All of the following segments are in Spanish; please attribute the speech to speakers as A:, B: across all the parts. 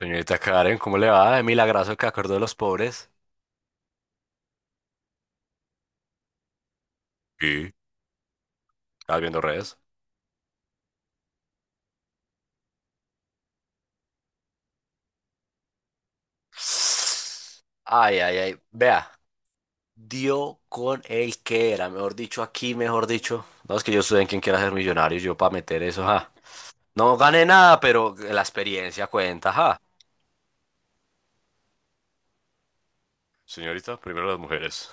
A: Señorita Karen, ¿cómo le va? De milagroso que acordó de los pobres. ¿Y? ¿Estás viendo redes? Ay, ay, ay. Vea, dio con el que era. Mejor dicho, aquí, mejor dicho. No, es que yo estudié en quien quiera ser millonario. Yo para meter eso, ja. No gané nada, pero la experiencia cuenta, ja. Señorita, primero las mujeres.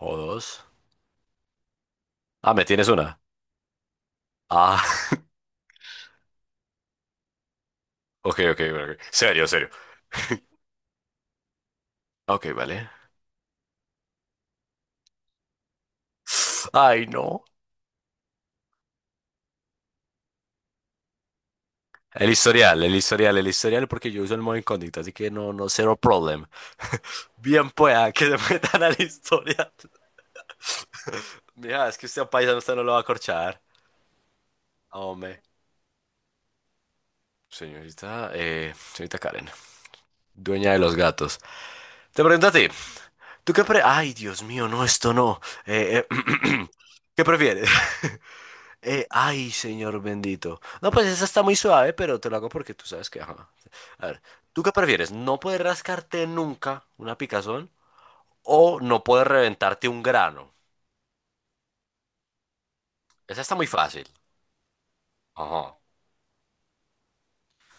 A: O dos. Ah, ¿me tienes una? Ah, ok, ok, ok. Serio, serio. Ok, vale. Ay, no. El historial, el historial, el historial, porque yo uso el modo incógnito, así que no, no, cero problem. Bien pueda que se metan al historial. Mira, es que usted a un paisano, usted no lo va a corchar. Hombre. Señorita, señorita Karen, dueña de los gatos. Te pregunto a ti, ¿tú qué pre... Ay, Dios mío, no, esto no. Eh, eh, ¿qué prefieres? Ay, señor bendito. No, pues esa está muy suave, pero te lo hago porque tú sabes que... ajá. A ver, ¿tú qué prefieres? ¿No poder rascarte nunca una picazón? O no puedes reventarte un grano. Esa está muy fácil. Ajá.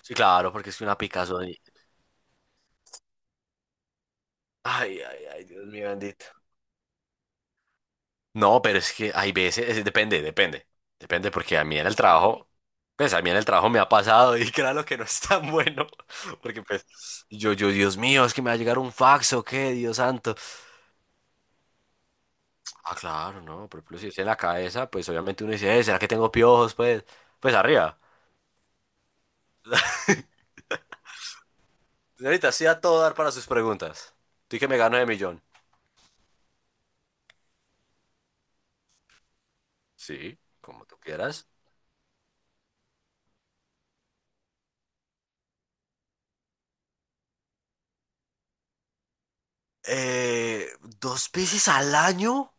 A: Sí, claro, porque es que una picazón. Y- Ay, ay, ay, Dios mío bendito. No, pero es que hay veces, depende, depende. Depende, porque a mí en el trabajo, pues a mí en el trabajo me ha pasado y claro que no es tan bueno. Porque pues, yo, Dios mío, es que me va a llegar un fax o qué, Dios santo. Ah, claro, no, por ejemplo, si es en la cabeza, pues obviamente uno dice, ¿será que tengo piojos? Pues, pues arriba." Señorita, sí a todo dar para sus preguntas. Tú que me gano de millón. Sí, como tú quieras. Eh, ¿Dos veces al año?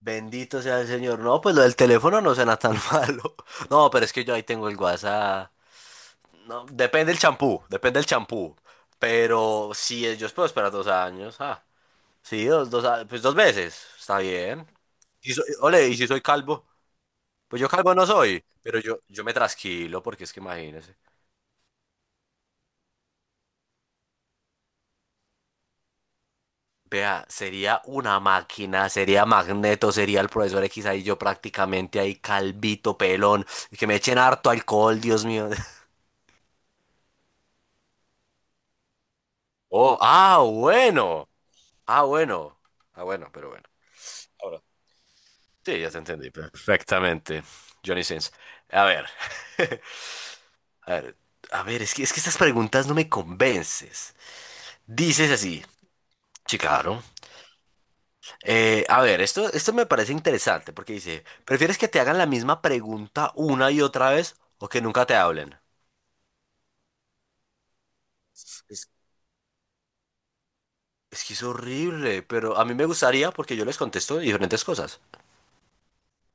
A: Bendito sea el Señor. No, pues lo del teléfono no suena tan malo. No, pero es que yo ahí tengo el WhatsApp. No, depende el champú, depende el champú. Pero sí, yo puedo esperar 2 años. Ah, sí, pues dos veces. Está bien. Y ole, ¿y si soy calvo? Pues yo calvo no soy, pero yo me trasquilo porque es que imagínese. Vea, sería una máquina, sería Magneto, sería el profesor X ahí yo prácticamente ahí calvito, pelón, y que me echen harto alcohol, Dios mío. Oh, ah, bueno. Ah, bueno. Ah, bueno, pero bueno. Ahora, sí, ya te entendí perfectamente, Johnny Sins. A ver. A ver, a ver, es que estas preguntas no me convences. Dices así, sí, claro, a ver, esto me parece interesante porque dice, ¿prefieres que te hagan la misma pregunta una y otra vez o que nunca te hablen? Es, es que es horrible, pero a mí me gustaría porque yo les contesto diferentes cosas.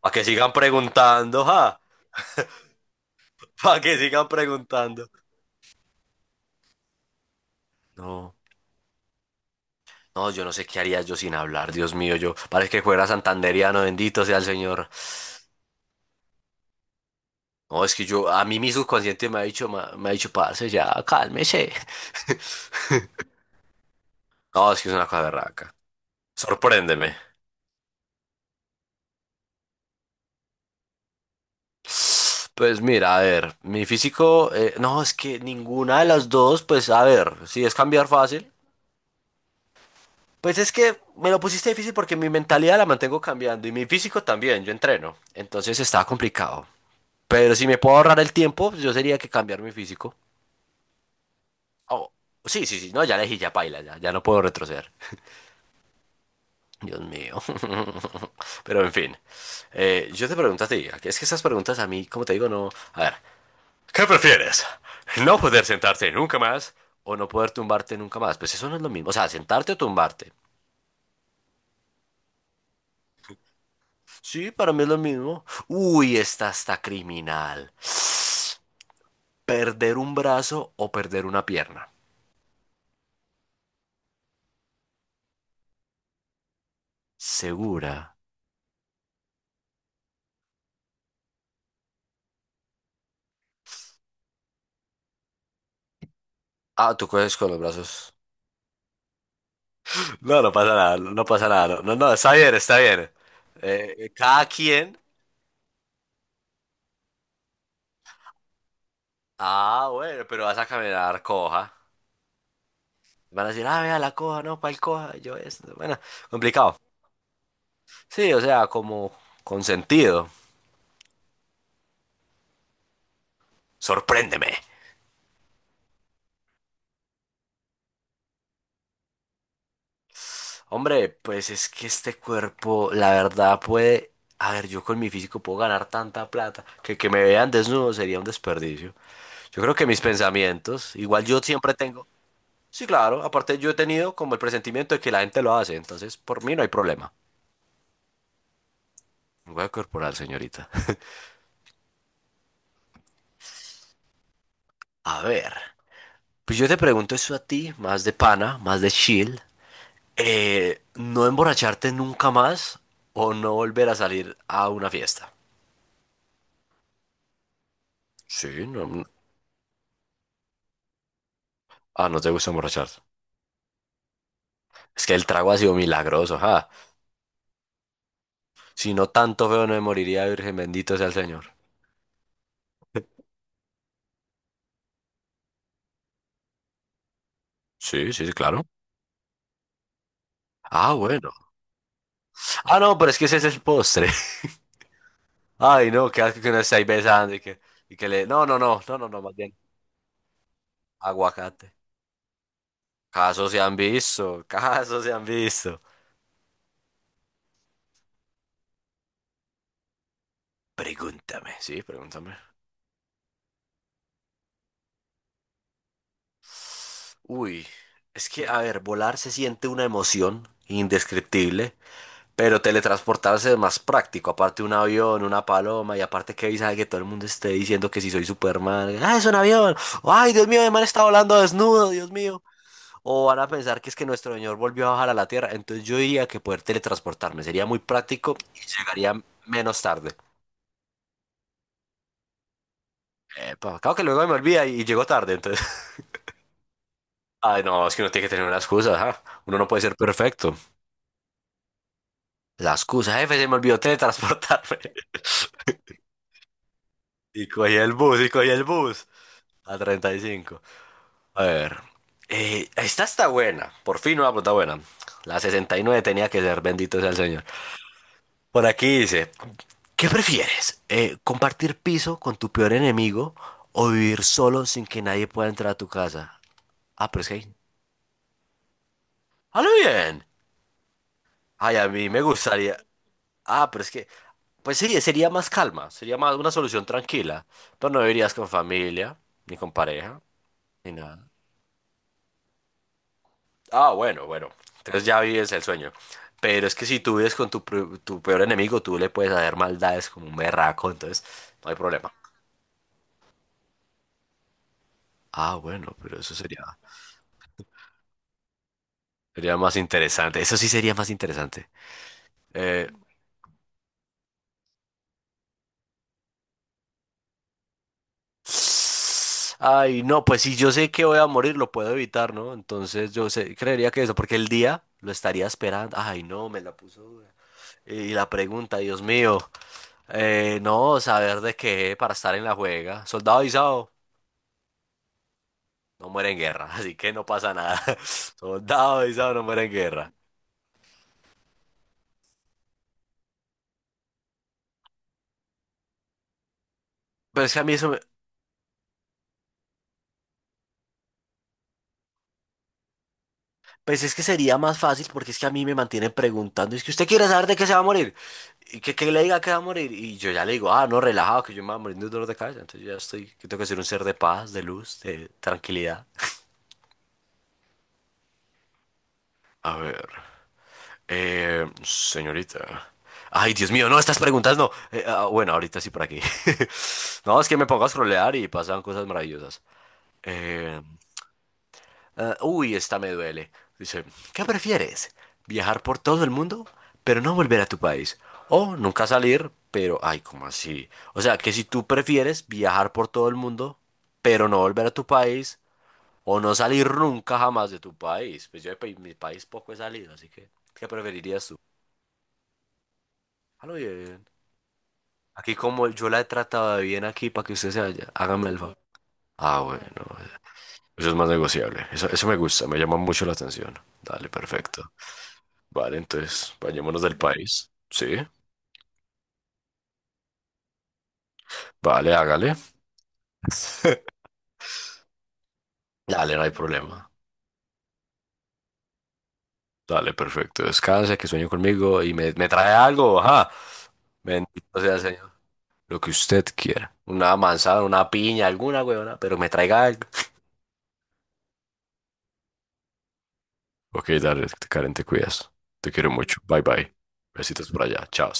A: Para que sigan preguntando, ja, para que sigan preguntando. No, no, yo no sé qué haría yo sin hablar, Dios mío, yo parece que fuera santanderiano, bendito sea el Señor. No, es que yo, a mí mi subconsciente me ha dicho, me ha dicho, parce, ya, cálmese. No, es que es una cosa berraca. Sorpréndeme. Pues mira, a ver, mi físico, no, es que ninguna de las dos, pues a ver, si es cambiar fácil, pues es que me lo pusiste difícil porque mi mentalidad la mantengo cambiando y mi físico también, yo entreno, entonces estaba complicado. Pero si me puedo ahorrar el tiempo, pues yo sería que cambiar mi físico. Oh, sí, sí, sí, no, ya elegí, ya paila, ya, ya no puedo retroceder. Dios mío. Pero en fin, yo te pregunto a ti, es que esas preguntas a mí, como te digo, no, a ver. ¿Qué prefieres? ¿No poder sentarte nunca más o no poder tumbarte nunca más? Pues eso no es lo mismo. O sea, sentarte o tumbarte. Sí, para mí es lo mismo. Uy, esta está criminal. ¿Perder un brazo o perder una pierna? Segura. Ah, tú coges con los brazos. No, no pasa nada, no pasa nada. No, no, no, está bien, está bien. Cada quien. Ah, bueno, pero vas a caminar coja. Van a decir, ah, vea la coja, no, ¿cuál coja? Yo es, bueno, complicado. Sí, o sea, como con sentido. Sorpréndeme. Hombre, pues es que este cuerpo, la verdad, puede... A ver, yo con mi físico puedo ganar tanta plata que me vean desnudo sería un desperdicio. Yo creo que mis pensamientos, igual yo siempre tengo... Sí, claro, aparte yo he tenido como el presentimiento de que la gente lo hace, entonces por mí no hay problema. Voy corporal, señorita. A ver, pues yo te pregunto eso a ti, más de pana, más de chill. ¿No emborracharte nunca más o no volver a salir a una fiesta? Sí, no, ah, no te gusta emborracharse. Es que el trago ha sido milagroso, ja. Si no tanto feo no me moriría, Virgen, bendito sea el Señor. Sí, sí, sí, claro. Ah, bueno. Ah, no, pero es que ese es el postre. Ay, no, qué asco que no estáis besando y que le... No, no, no, no, no, no, más bien. Aguacate. Casos se han visto, casos se han visto. Pregúntame, sí, pregúntame. Uy, es que, a ver, volar se siente una emoción indescriptible. Pero teletransportarse es más práctico, aparte un avión, una paloma, y aparte que sabe que todo el mundo esté diciendo que si soy Superman, ah, es un avión, ay, Dios mío, el man está volando desnudo, Dios mío. O van a pensar que es que nuestro señor volvió a bajar a la Tierra, entonces yo diría que poder teletransportarme sería muy práctico y llegaría menos tarde. Epa, claro que luego me olvida y llego tarde, entonces. Ay, no, es que uno tiene que tener una excusa, ajá. Uno no puede ser perfecto. La excusa, jefe, se me olvidó teletransportarme. Y cogí el bus, y cogí el bus a 35. A ver, esta está buena, por fin una pregunta buena. La 69 tenía que ser, bendito sea el Señor. Por aquí dice, ¿qué prefieres? ¿Compartir piso con tu peor enemigo o vivir solo sin que nadie pueda entrar a tu casa? Ah, pero es que... ¡Halo bien! Ay, a mí me gustaría... Ah, pero es que... Pues sí, sería más calma, sería más una solución tranquila. Pero no vivirías con familia, ni con pareja, ni nada. Ah, bueno, bueno. Entonces ya vives el sueño. Pero es que si tú vives con tu, tu peor enemigo, tú le puedes hacer maldades como un berraco, entonces no hay problema. Ah, bueno, pero eso sería, sería más interesante. Eso sí sería más interesante. Eh, ay, no, pues si yo sé que voy a morir, lo puedo evitar, ¿no? Entonces yo sé- creería que eso, porque el día lo estaría esperando. Ay, no, me la puso dura. Y la pregunta, Dios mío. No, saber de qué para estar en la juega. Soldado avisado no muere en guerra, así que no pasa nada. Soldado avisado no muere en guerra. Pero es que a mí eso me- pues es que sería más fácil porque es que a mí me mantienen preguntando, es que usted quiere saber de qué se va a morir, y que, le diga que va a morir, y yo ya le digo, ah, no, relajado, que yo me voy a morir de un dolor de cabeza, entonces yo ya estoy, que tengo que ser un ser de paz, de luz, de tranquilidad. A ver, señorita. Ay, Dios mío, no, estas preguntas no. Ah, bueno, ahorita sí por aquí. No, es que me pongo a scrollear y pasan cosas maravillosas. Eh, Ah, uy, esta me duele. Dice, ¿qué prefieres? ¿Viajar por todo el mundo, pero no volver a tu país? O nunca salir, pero... Ay, ¿cómo así? O sea, que si tú prefieres viajar por todo el mundo, pero no volver a tu país, o no salir nunca jamás de tu país. Pues yo mi país poco he salido, así que, ¿qué preferirías tú? A lo bien. Aquí como yo la he tratado de bien aquí para que usted se vaya, hágame el favor. Ah, bueno. Eso es más negociable. Eso me gusta, me llama mucho la atención. Dale, perfecto. Vale, entonces, vayámonos del país. Sí, vale, hágale. Dale, no hay problema. Dale, perfecto. Descanse, que sueño conmigo y me trae algo. Ajá. Bendito sea el Señor. Lo que usted quiera. Una manzana, una piña, alguna huevona, pero me traiga algo. Ok, dale, Karen, te cuidas. Te quiero mucho. Bye, bye. Besitos por allá. Chao.